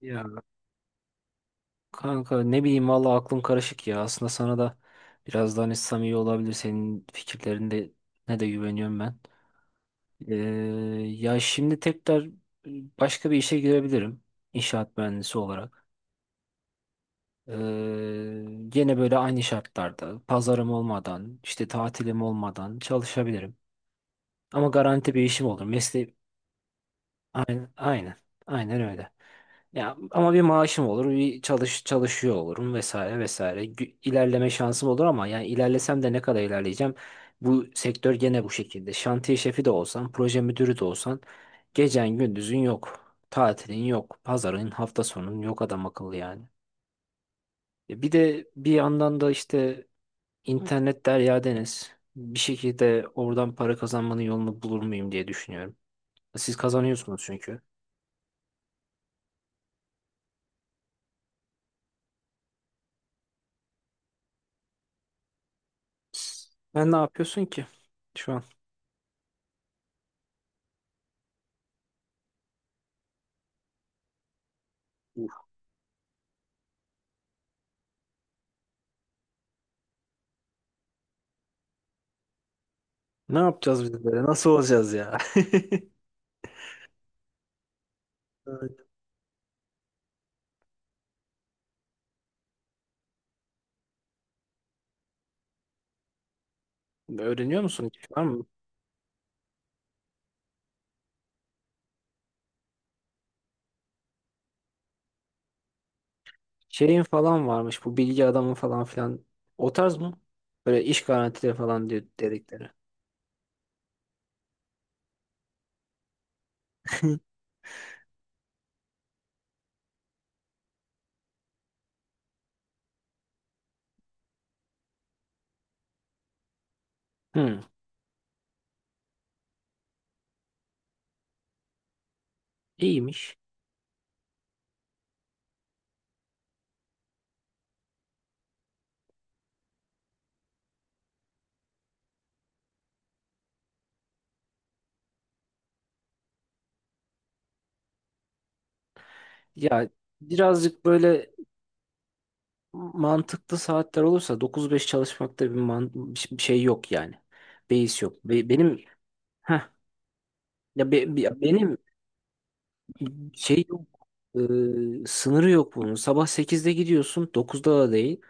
Ya kanka ne bileyim valla aklım karışık ya. Aslında sana da biraz daha hani samimi olabilir. Senin fikirlerinde ne de güveniyorum ben. Ee, Ya şimdi tekrar başka bir işe girebilirim. İnşaat mühendisi olarak. Ee, Gene böyle aynı şartlarda pazarım olmadan işte tatilim olmadan çalışabilirim. Ama garanti bir işim olur. Mesleği aynen, aynen, aynen öyle. Ya ama bir maaşım olur, bir çalışıyor olurum vesaire vesaire. İlerleme şansım olur ama yani ilerlesem de ne kadar ilerleyeceğim? Bu sektör gene bu şekilde. Şantiye şefi de olsan, proje müdürü de olsan gecen gündüzün yok. Tatilin yok, pazarın, hafta sonun yok adam akıllı yani. Bir de bir yandan da işte internet derya deniz. Bir şekilde oradan para kazanmanın yolunu bulur muyum diye düşünüyorum. Siz kazanıyorsunuz çünkü. Ben ne yapıyorsun ki şu an? Ne yapacağız biz böyle? Nasıl olacağız ya? Evet. Öğreniyor musun hiç? Var mı? Şeyin falan varmış bu bilgi adamı falan filan. O tarz mı? Böyle iş garantileri falan diyor dedikleri. Hmm, iyiymiş. Ya birazcık böyle mantıklı saatler olursa 9-5 çalışmakta bir şey yok yani. Beis yok. Benim heh, ya benim şey yok. Sınırı yok bunun. Sabah sekizde gidiyorsun, dokuzda da değil.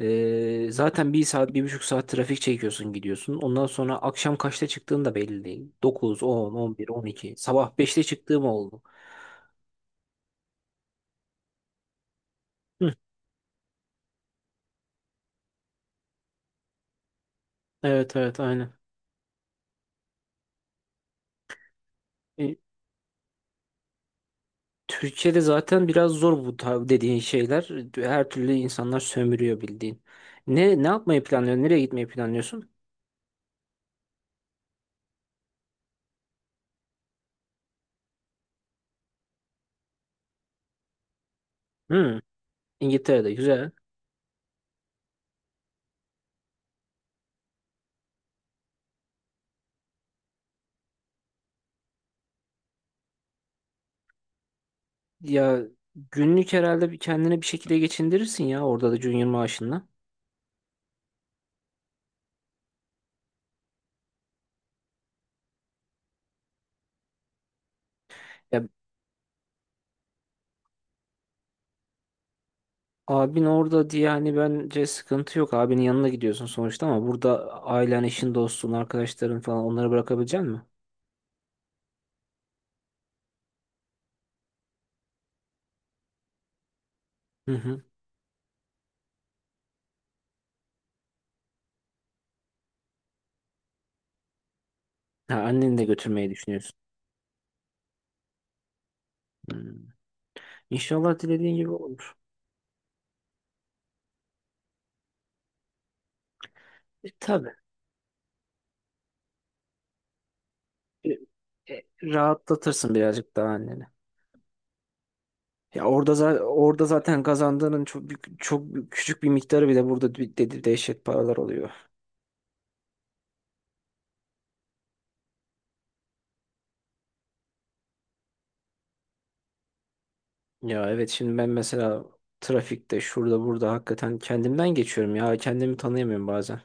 Zaten bir saat, bir buçuk saat trafik çekiyorsun gidiyorsun. Ondan sonra akşam kaçta çıktığın da belli değil. Dokuz, on, on bir, on iki. Sabah beşte çıktığım oldu. Hı, evet evet aynen. E, Türkiye'de zaten biraz zor bu dediğin şeyler. Her türlü insanlar sömürüyor bildiğin. Ne yapmayı planlıyorsun? Nereye gitmeyi planlıyorsun? Hı, İngiltere'de güzel. Ya günlük herhalde bir kendine bir şekilde geçindirirsin ya orada da junior maaşınla. Abin orada diye hani bence sıkıntı yok. Abinin yanına gidiyorsun sonuçta ama burada ailen, eşin, dostun, arkadaşların falan onları bırakabilecek misin? Hı hı. Ha, anneni de götürmeyi düşünüyorsun. Hmm. İnşallah dilediğin gibi olur. Tabii. E, Rahatlatırsın birazcık daha anneni. Ya orada orada zaten kazandığının küçük bir miktarı bile burada dehşet paralar oluyor. Ya evet şimdi ben mesela trafikte şurada burada hakikaten kendimden geçiyorum ya kendimi tanıyamıyorum bazen.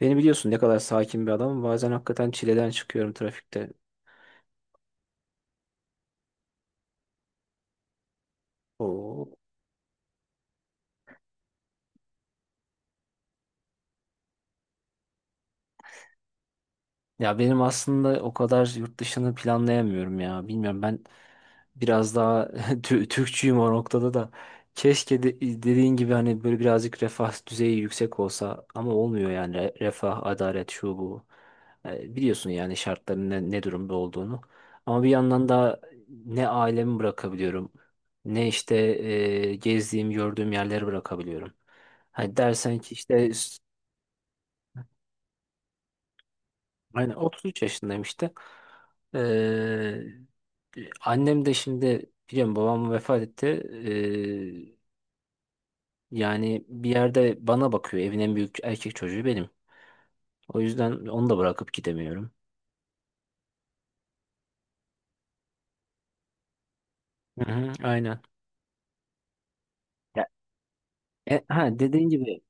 Beni biliyorsun ne kadar sakin bir adamım. Bazen hakikaten çileden çıkıyorum trafikte. Oo. Ya benim aslında o kadar yurt dışını planlayamıyorum ya. Bilmiyorum ben biraz daha. Türkçüyüm o noktada da. Keşke de, dediğin gibi hani böyle birazcık refah düzeyi yüksek olsa ama olmuyor yani. Refah, adalet şu bu. Biliyorsun yani şartların ne durumda olduğunu. Ama bir yandan da ne ailemi bırakabiliyorum ne işte gezdiğim gördüğüm yerleri bırakabiliyorum. Hani dersen ki işte. Aynen, 33 yaşındayım işte. Ee, Annem de şimdi biliyorum babam vefat etti. Yani bir yerde bana bakıyor. Evin en büyük erkek çocuğu benim. O yüzden onu da bırakıp gidemiyorum. Hı hı, aynen. Ya, ha, dediğin gibi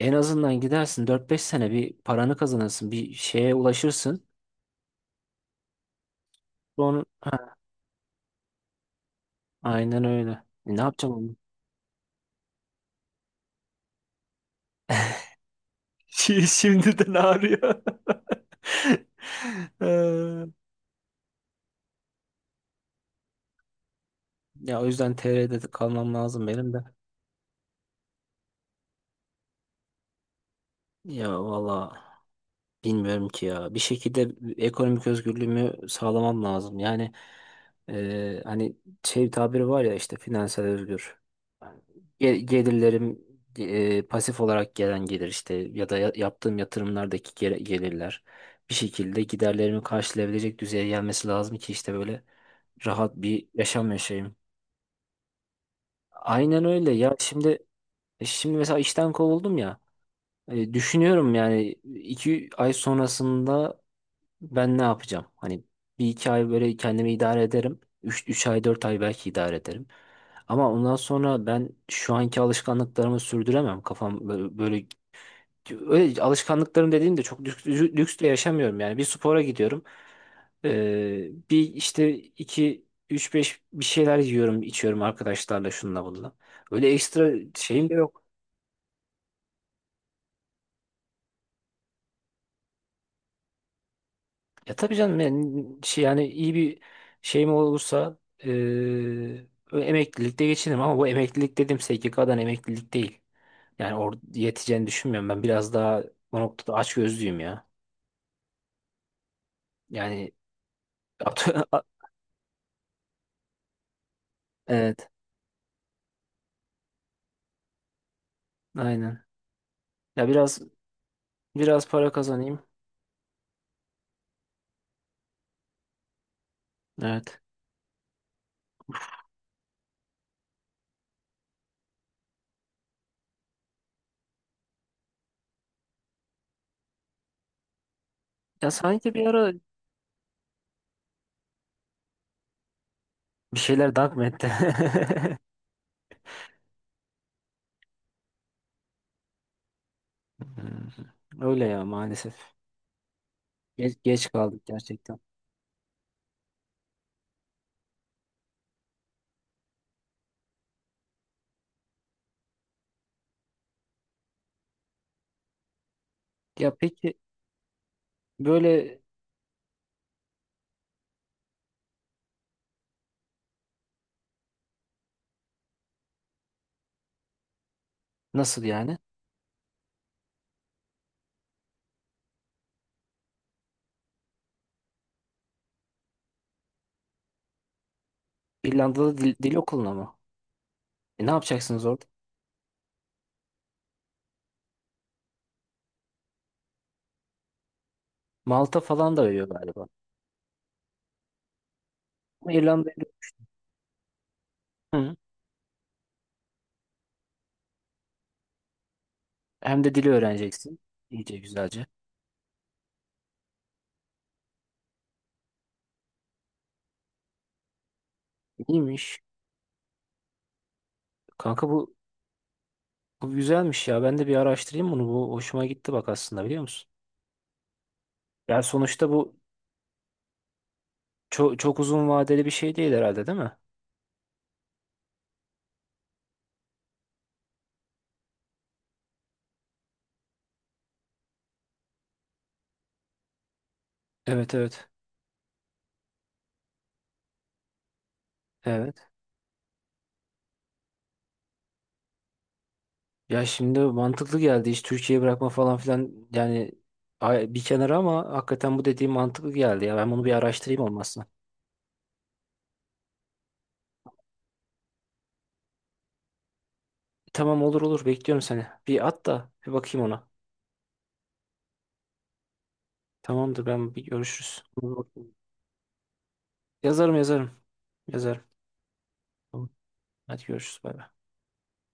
en azından gidersin dört beş sene bir paranı kazanırsın. Bir şeye ulaşırsın. Sonra, ha, aynen öyle. Ne yapacağım onu? Şimdiden ağrıyor. Ee, Ya o yüzden TR'de de kalmam lazım benim de. Ya valla bilmiyorum ki ya. Bir şekilde ekonomik özgürlüğümü sağlamam lazım. Yani hani şey bir tabiri var ya işte finansal özgür. Gelirlerim, pasif olarak gelen gelir işte ya da yaptığım yatırımlardaki gelirler bir şekilde giderlerimi karşılayabilecek düzeye gelmesi lazım ki işte böyle rahat bir yaşam yaşayayım. Aynen öyle ya şimdi, şimdi mesela işten kovuldum ya. Düşünüyorum yani iki ay sonrasında ben ne yapacağım? Hani bir iki ay böyle kendimi idare ederim. Üç ay dört ay belki idare ederim. Ama ondan sonra ben şu anki alışkanlıklarımı sürdüremem. Kafam böyle, böyle öyle alışkanlıklarım dediğimde çok lüks, lüks de yaşamıyorum yani. Bir spora gidiyorum. Bir işte iki üç beş bir şeyler yiyorum içiyorum arkadaşlarla şununla bununla. Öyle ekstra şeyim de yok. Ya tabii canım yani, şey, yani iyi bir şeyim olursa eee, emeklilikte geçinirim ama bu emeklilik dediğim SGK'dan emeklilik değil. Yani or yeteceğini düşünmüyorum ben biraz daha bu noktada açgözlüyüm ya. Yani evet aynen. Ya biraz para kazanayım. Evet. Ya sanki bir ara bir şeyler dank mı etti? Hmm. Öyle ya maalesef. Geç kaldık gerçekten. Ya peki böyle, nasıl yani? İrlanda'da dil okuluna mı? Ne yapacaksınız orada? Malta falan da veriyor galiba. Ama İrlanda'ya. Hı, hem de dili öğreneceksin. İyice güzelce. İyiymiş. Kanka bu güzelmiş ya. Ben de bir araştırayım bunu. Bu hoşuma gitti bak aslında biliyor musun? Yani sonuçta bu çok, çok uzun vadeli bir şey değil herhalde değil mi? Evet evet. Evet. Ya şimdi mantıklı geldi. Hiç Türkiye'yi bırakma falan filan yani bir kenara ama hakikaten bu dediğim mantıklı geldi ya. Ben bunu bir araştırayım olmazsa. Tamam olur olur bekliyorum seni. Bir at da bir bakayım ona. Tamamdır ben bir görüşürüz. Yazarım yazarım. Yazarım. Tamam. Hadi görüşürüz bay bay.